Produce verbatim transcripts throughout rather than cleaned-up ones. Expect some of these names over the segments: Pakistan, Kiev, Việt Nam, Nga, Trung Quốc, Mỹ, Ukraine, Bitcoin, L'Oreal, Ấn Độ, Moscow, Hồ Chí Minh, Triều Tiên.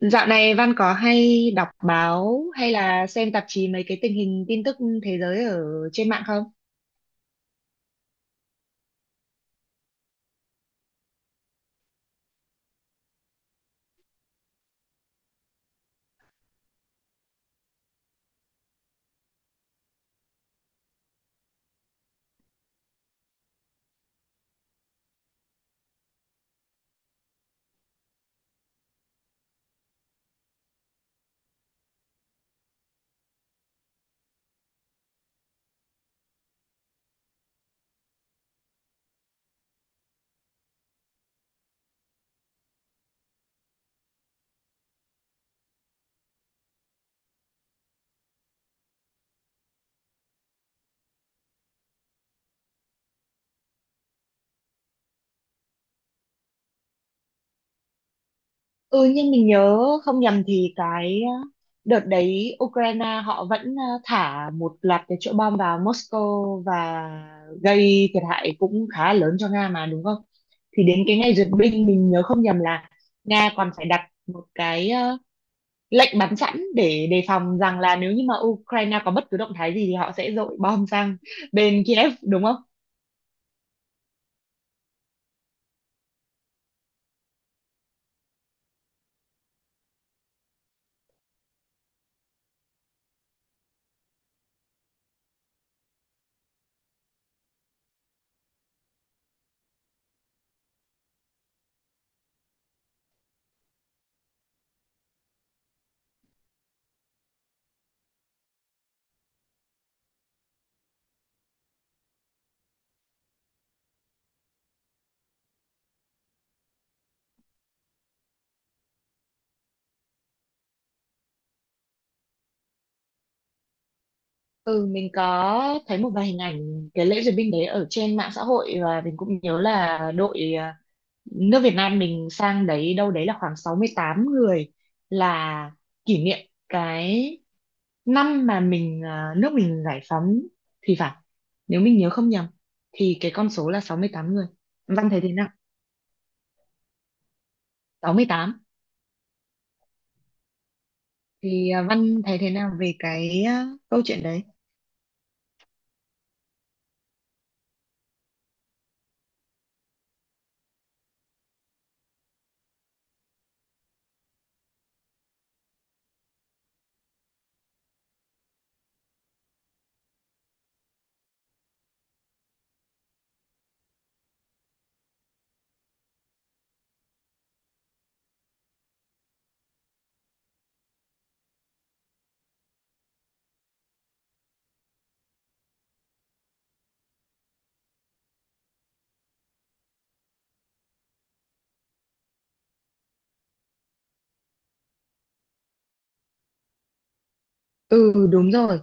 Dạo này Văn có hay đọc báo hay là xem tạp chí mấy cái tình hình tin tức thế giới ở trên mạng không? Ừ, nhưng mình nhớ không nhầm thì cái uh, đợt đấy Ukraine họ vẫn uh, thả một loạt cái chỗ bom vào Moscow và gây thiệt hại cũng khá lớn cho Nga mà đúng không? Thì đến cái ngày duyệt binh mình nhớ không nhầm là Nga còn phải đặt một cái uh, lệnh bắn sẵn để đề phòng rằng là nếu như mà Ukraine có bất cứ động thái gì thì họ sẽ dội bom sang bên Kiev đúng không? Ừ, mình có thấy một vài hình ảnh cái lễ duyệt binh đấy ở trên mạng xã hội và mình cũng nhớ là đội à, nước Việt Nam mình sang đấy đâu đấy là khoảng sáu mươi tám người, là kỷ niệm cái năm mà mình à, nước mình giải phóng thì phải. Nếu mình nhớ không nhầm thì cái con số là sáu mươi tám người. Văn thấy thế nào? Sáu mươi tám. Thì à, Văn thấy thế nào về cái à, câu chuyện đấy? Ừ, đúng rồi.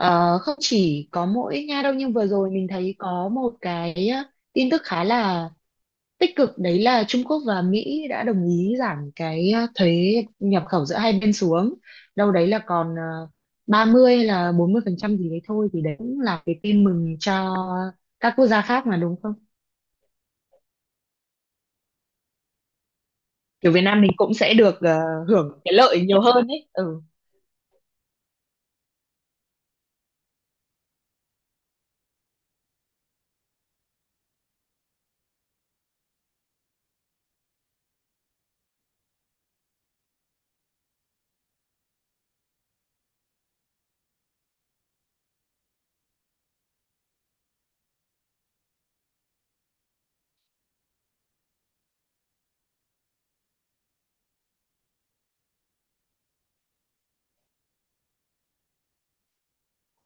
Ờ, không chỉ có mỗi Nga đâu, nhưng vừa rồi mình thấy có một cái ờ, tin tức khá là tích cực, đấy là Trung Quốc và Mỹ đã đồng ý giảm cái ờ, thuế nhập khẩu giữa hai bên xuống đâu đấy là còn ờ, ba mươi hay là bốn mươi phần trăm gì đấy thôi, thì đấy cũng là cái tin mừng cho các quốc gia khác mà đúng không, kiểu Việt Nam mình cũng sẽ được ờ, hưởng cái lợi nhiều hơn ấy, ừ.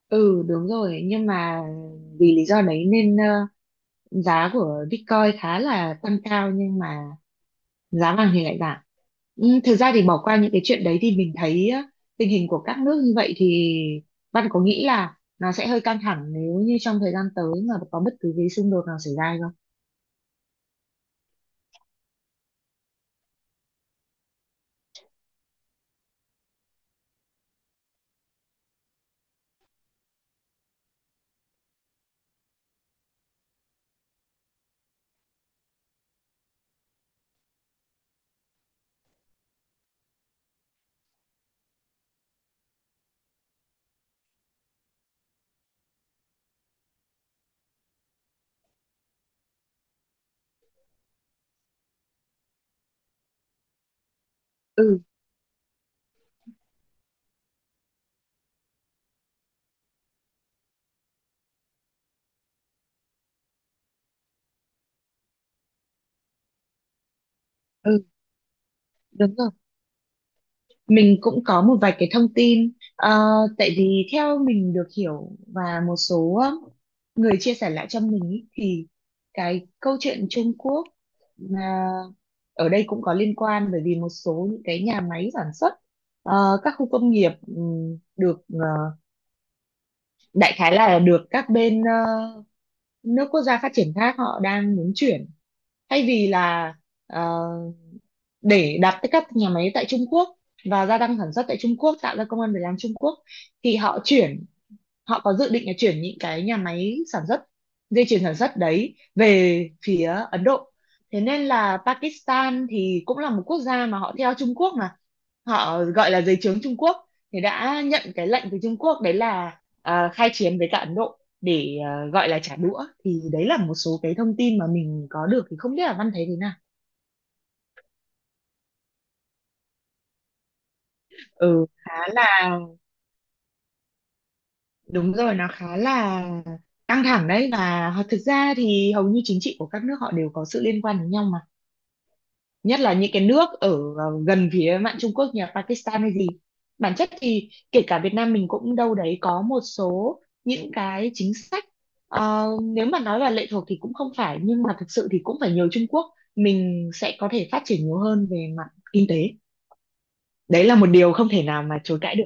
Ừ, đúng rồi, nhưng mà vì lý do đấy nên ờ, giá của Bitcoin khá là tăng cao nhưng mà giá vàng thì lại giảm. Ừ, thực ra thì bỏ qua những cái chuyện đấy thì mình thấy á, tình hình của các nước như vậy thì Văn có nghĩ là nó sẽ hơi căng thẳng nếu như trong thời gian tới mà có bất cứ cái xung đột nào xảy ra hay không? Ừ. Ừ, đúng rồi. Mình cũng có một vài cái thông tin. Ờ, Tại vì theo mình được hiểu và một số ờ, người chia sẻ lại cho mình ý, thì cái câu chuyện Trung Quốc là ở đây cũng có liên quan, bởi vì một số những cái nhà máy sản xuất ờ, các khu công nghiệp ừm, được ờ, đại khái là được các bên ờ, nước quốc gia phát triển khác họ đang muốn chuyển, thay vì là ờ, để đặt tới các nhà máy tại Trung Quốc và gia tăng sản xuất tại Trung Quốc, tạo ra công ăn việc làm Trung Quốc, thì họ chuyển, họ có dự định là chuyển những cái nhà máy sản xuất, dây chuyền sản xuất đấy về phía Ấn Độ. Thế nên là Pakistan thì cũng là một quốc gia mà họ theo Trung Quốc, mà họ gọi là dưới trướng Trung Quốc, thì đã nhận cái lệnh từ Trung Quốc đấy là à, khai chiến với cả Ấn Độ để à, gọi là trả đũa. Thì đấy là một số cái thông tin mà mình có được, thì không biết là Văn thấy thế nào. Ừ, khá là. Đúng rồi, nó khá là căng thẳng đấy, và họ- thực ra thì hầu như chính trị của các nước họ đều có sự liên quan đến nhau mà. Nhất là những cái nước ở ờ, gần phía mạn Trung Quốc như là Pakistan hay gì. Bản chất thì kể cả Việt Nam mình cũng đâu đấy có một số những cái chính sách ờ, nếu mà nói là lệ thuộc thì cũng không phải, nhưng mà thực sự thì cũng phải nhờ Trung Quốc mình sẽ có thể phát triển nhiều hơn về mặt kinh tế. Đấy là một điều không thể nào mà chối cãi được.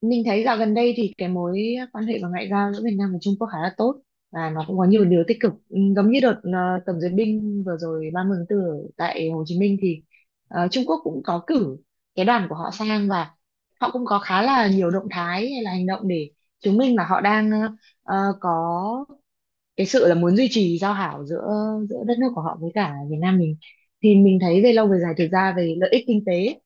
Mình thấy dạo gần đây thì cái mối quan hệ và ngoại giao giữa Việt Nam và Trung Quốc khá là tốt và nó cũng có nhiều điều tích cực. Ừ, giống như đợt ờ, tổng duyệt binh vừa rồi ba mươi tháng bốn ở tại Hồ Chí Minh thì ờ, Trung Quốc cũng có cử cái đoàn của họ sang, và họ cũng có khá là nhiều động thái hay là hành động để chứng minh là họ đang ờ, có cái sự là muốn duy trì giao hảo giữa giữa đất nước của họ với cả Việt Nam mình. Thì mình thấy về lâu về dài thực ra về lợi ích kinh tế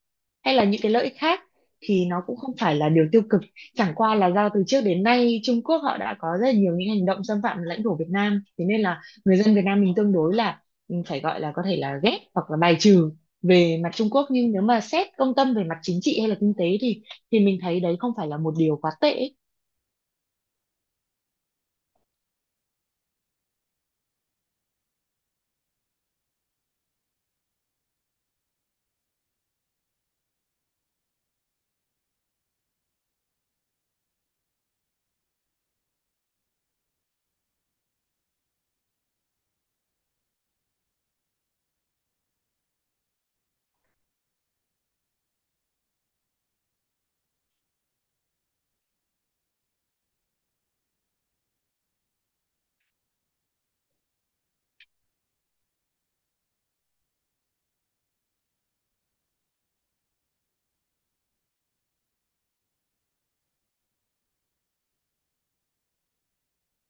hay là những cái lợi ích khác thì nó cũng không phải là điều tiêu cực, chẳng qua là do từ trước đến nay Trung Quốc họ đã có rất là nhiều những hành động xâm phạm lãnh thổ Việt Nam, thế nên là người dân Việt Nam mình tương đối là, ừ, phải gọi là có thể là ghét hoặc là bài trừ về mặt Trung Quốc. Nhưng nếu mà xét công tâm về mặt chính trị hay là kinh tế thì thì mình thấy đấy không phải là một điều quá tệ.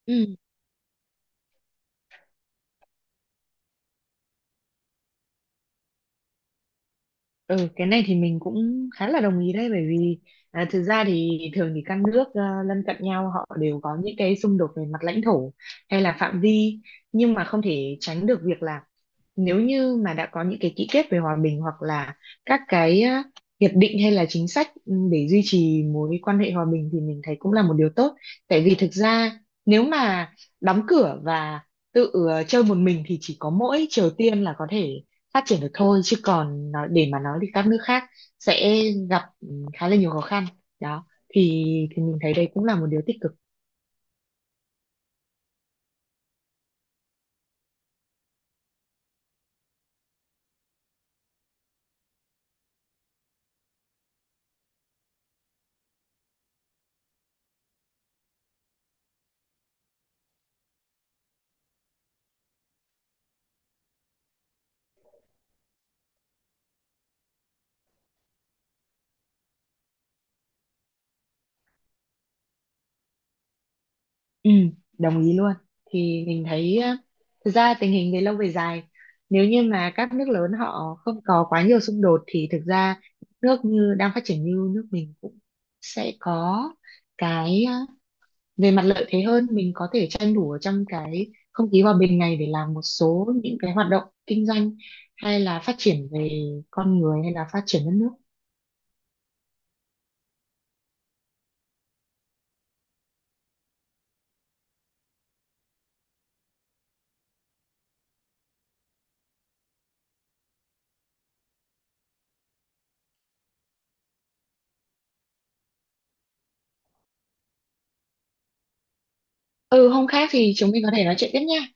Ừ. Ừ, cái này thì mình cũng khá là đồng ý đấy, bởi vì à, thực ra thì thường thì các nước à, lân cận nhau họ đều có những cái xung đột về mặt lãnh thổ hay là phạm vi, nhưng mà không thể tránh được việc là nếu như mà đã có những cái ký kết về hòa bình hoặc là các cái à, hiệp định hay là chính sách ừ, để duy trì mối quan hệ hòa bình, thì mình thấy cũng là một điều tốt. Tại vì thực ra nếu mà đóng cửa và tự ờ, chơi một mình thì chỉ có mỗi Triều Tiên là có thể phát triển được thôi, chứ còn nó, để mà nói thì các nước khác sẽ gặp, ừ, khá là nhiều khó khăn đó. thì thì mình thấy đấy cũng là một điều tích cực. Ừ, đồng ý luôn. Thì mình thấy ờ, thực ra tình hình về lâu về dài nếu như mà các nước lớn họ không có quá nhiều xung đột thì thực ra nước như đang phát triển như nước mình cũng sẽ có cái về mặt lợi thế hơn, mình có thể tranh thủ ở trong cái không khí hòa bình này để làm một số những cái hoạt động kinh doanh hay là phát triển về con người hay là phát triển đất nước. Ừ, hôm khác thì chúng mình có thể nói chuyện tiếp nha.